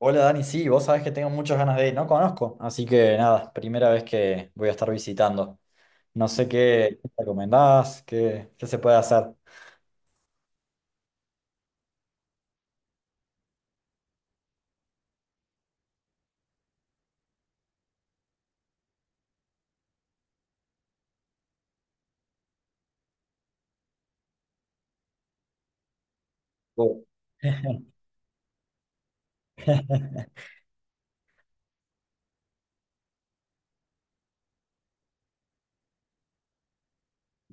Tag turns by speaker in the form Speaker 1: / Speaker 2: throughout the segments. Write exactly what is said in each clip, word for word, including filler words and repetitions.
Speaker 1: Hola Dani, sí, vos sabés que tengo muchas ganas de ir, no conozco, así que nada, primera vez que voy a estar visitando. No sé qué qué recomendás, qué, qué se puede hacer. Oh.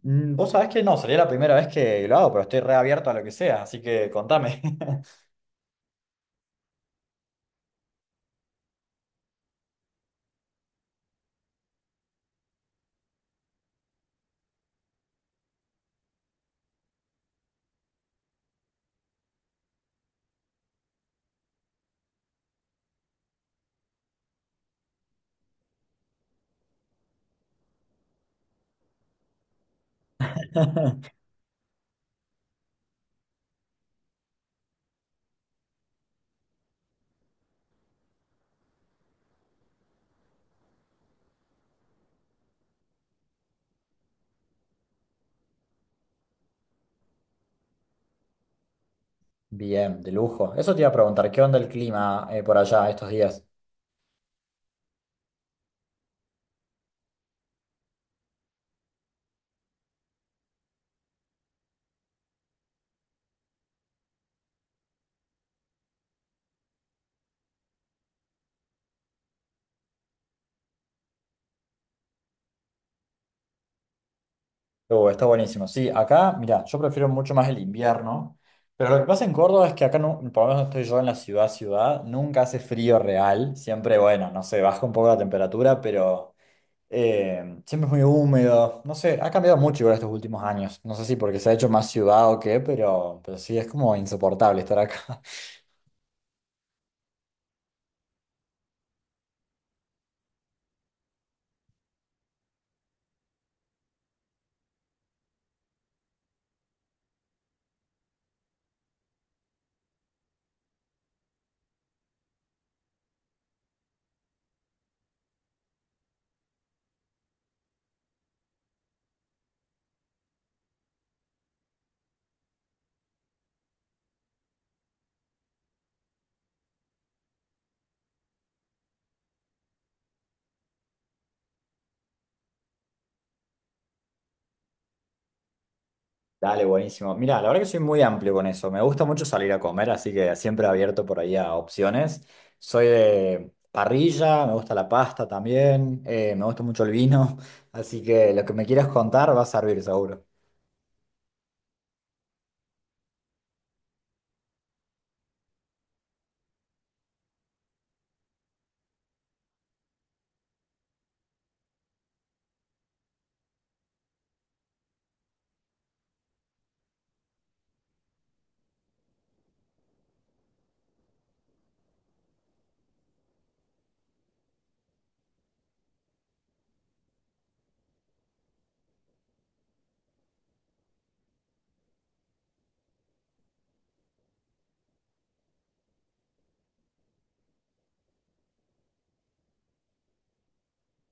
Speaker 1: Mm, vos sabés que no, sería la primera vez que lo hago, pero estoy reabierto a lo que sea, así que contame. Bien, de lujo. Eso te iba a preguntar, ¿qué onda el clima eh, por allá estos días? Oh, está buenísimo. Sí, acá, mira, yo prefiero mucho más el invierno, pero lo que pasa en Córdoba es que acá, no, por lo menos donde estoy yo en la ciudad, ciudad, nunca hace frío real, siempre, bueno, no sé, baja un poco la temperatura, pero eh, siempre es muy húmedo, no sé, ha cambiado mucho igual estos últimos años, no sé si porque se ha hecho más ciudad o qué, pero, pero sí, es como insoportable estar acá. Dale, buenísimo. Mira, la verdad que soy muy amplio con eso. Me gusta mucho salir a comer, así que siempre abierto por ahí a opciones. Soy de parrilla, me gusta la pasta también, eh, me gusta mucho el vino, así que lo que me quieras contar va a servir seguro.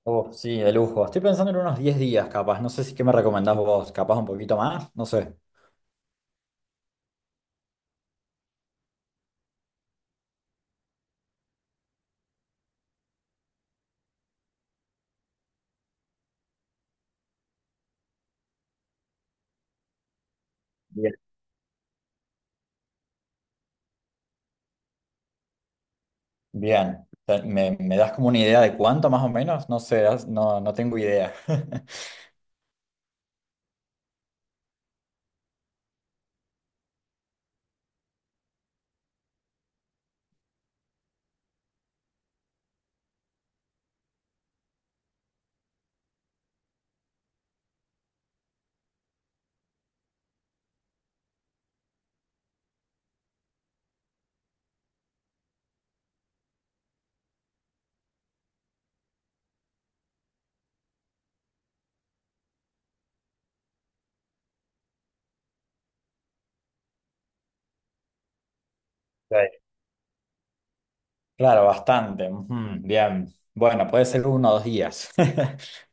Speaker 1: Oh, sí, de lujo. Estoy pensando en unos diez días, capaz. No sé si qué me recomendás vos, capaz un poquito más, no sé. Bien. Bien. Te- ¿Me, me das como una idea de cuánto más o menos? No sé, das- no, no tengo idea. Ok. Claro, bastante. Ujú. Bien. Bueno, puede ser uno o dos días.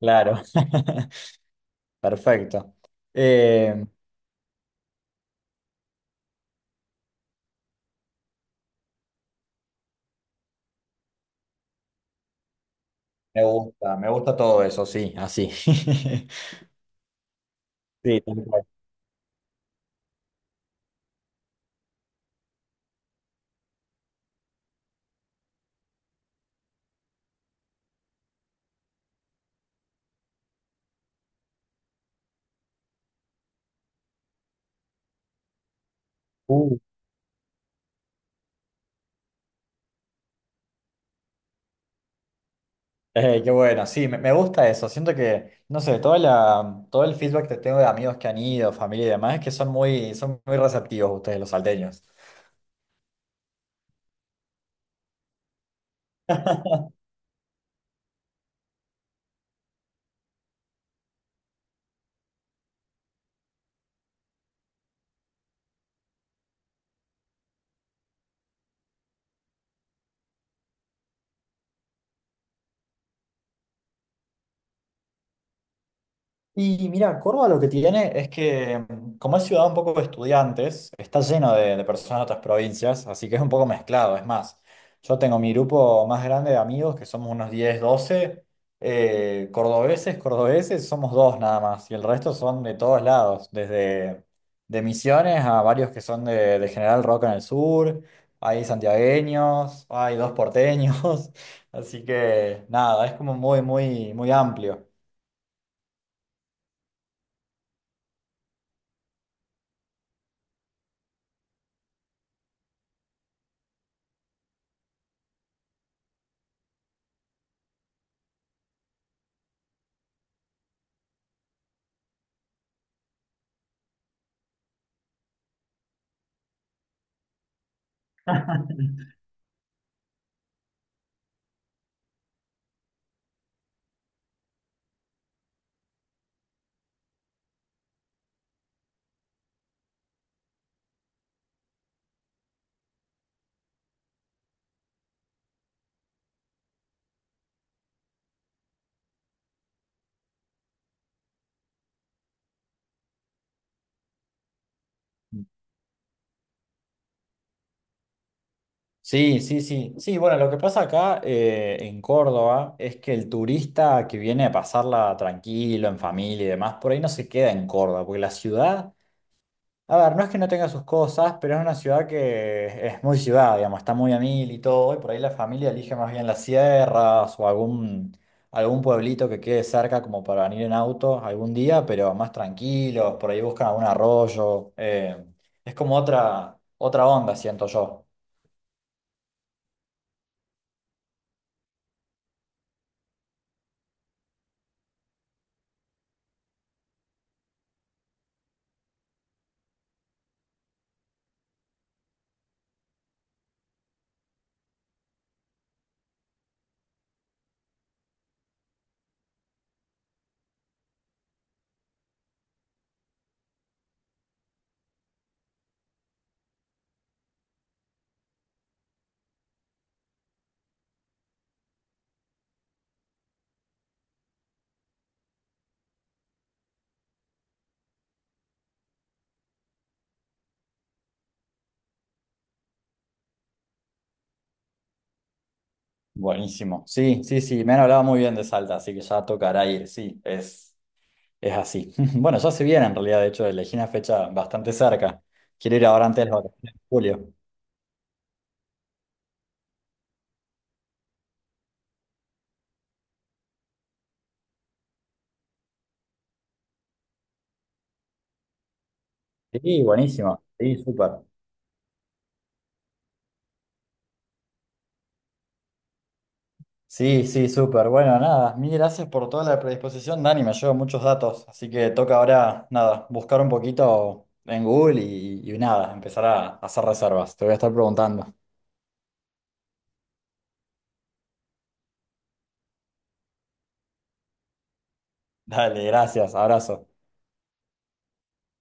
Speaker 1: Claro. Perfecto. Eh, me gusta, me gusta todo eso, sí, así. Sí, tal cual. Uh, eh, qué bueno, sí, me, me gusta eso. Siento que, no sé, toda la, todo el feedback que tengo de amigos que han ido, familia y demás, es que son muy, son muy receptivos ustedes, los salteños. Y mira, Córdoba lo que tiene es que, mm, como es ciudad un poco de estudiantes, está lleno de, de personas de otras provincias, así que es un poco mezclado. Es más, yo tengo mi grupo más grande de amigos, que somos unos diez doce eh, cordobeses, cordobeses, somos dos nada más, y el resto son de todos lados, desde de Misiones a varios que son de, de General Roca en el sur, hay santiagueños, hay dos porteños, así que nada, es como muy, muy, muy amplio. Sí, sí, sí. Sí, bueno, lo que pasa acá eh, en Córdoba es que el turista que viene a pasarla tranquilo, en familia y demás, por ahí no se queda en Córdoba, porque la ciudad, a ver, no es que no tenga sus cosas, pero es una ciudad que es muy ciudad, digamos, está muy a mil y todo, y por ahí la familia elige más bien las sierras o algún, algún pueblito que quede cerca como para venir en auto algún día, pero más tranquilos, por ahí buscan algún arroyo. Eh, es como otra, otra onda, siento yo. Buenísimo. Sí, sí, sí, me han hablado muy bien de Salta, así que ya tocará ir, sí, es, es así. Bueno, ya se viene en realidad, de hecho, elegí una fecha bastante cerca. Quiero ir ahora antes de las vacaciones de julio. Sí, buenísimo. Sí, súper. Sí, sí, súper. Bueno, nada, mil gracias por toda la predisposición, Dani, me llevo muchos datos, así que toca ahora, nada, buscar un poquito en Google y, y nada, empezar a hacer reservas. Te voy a estar preguntando. Dale, gracias, abrazo.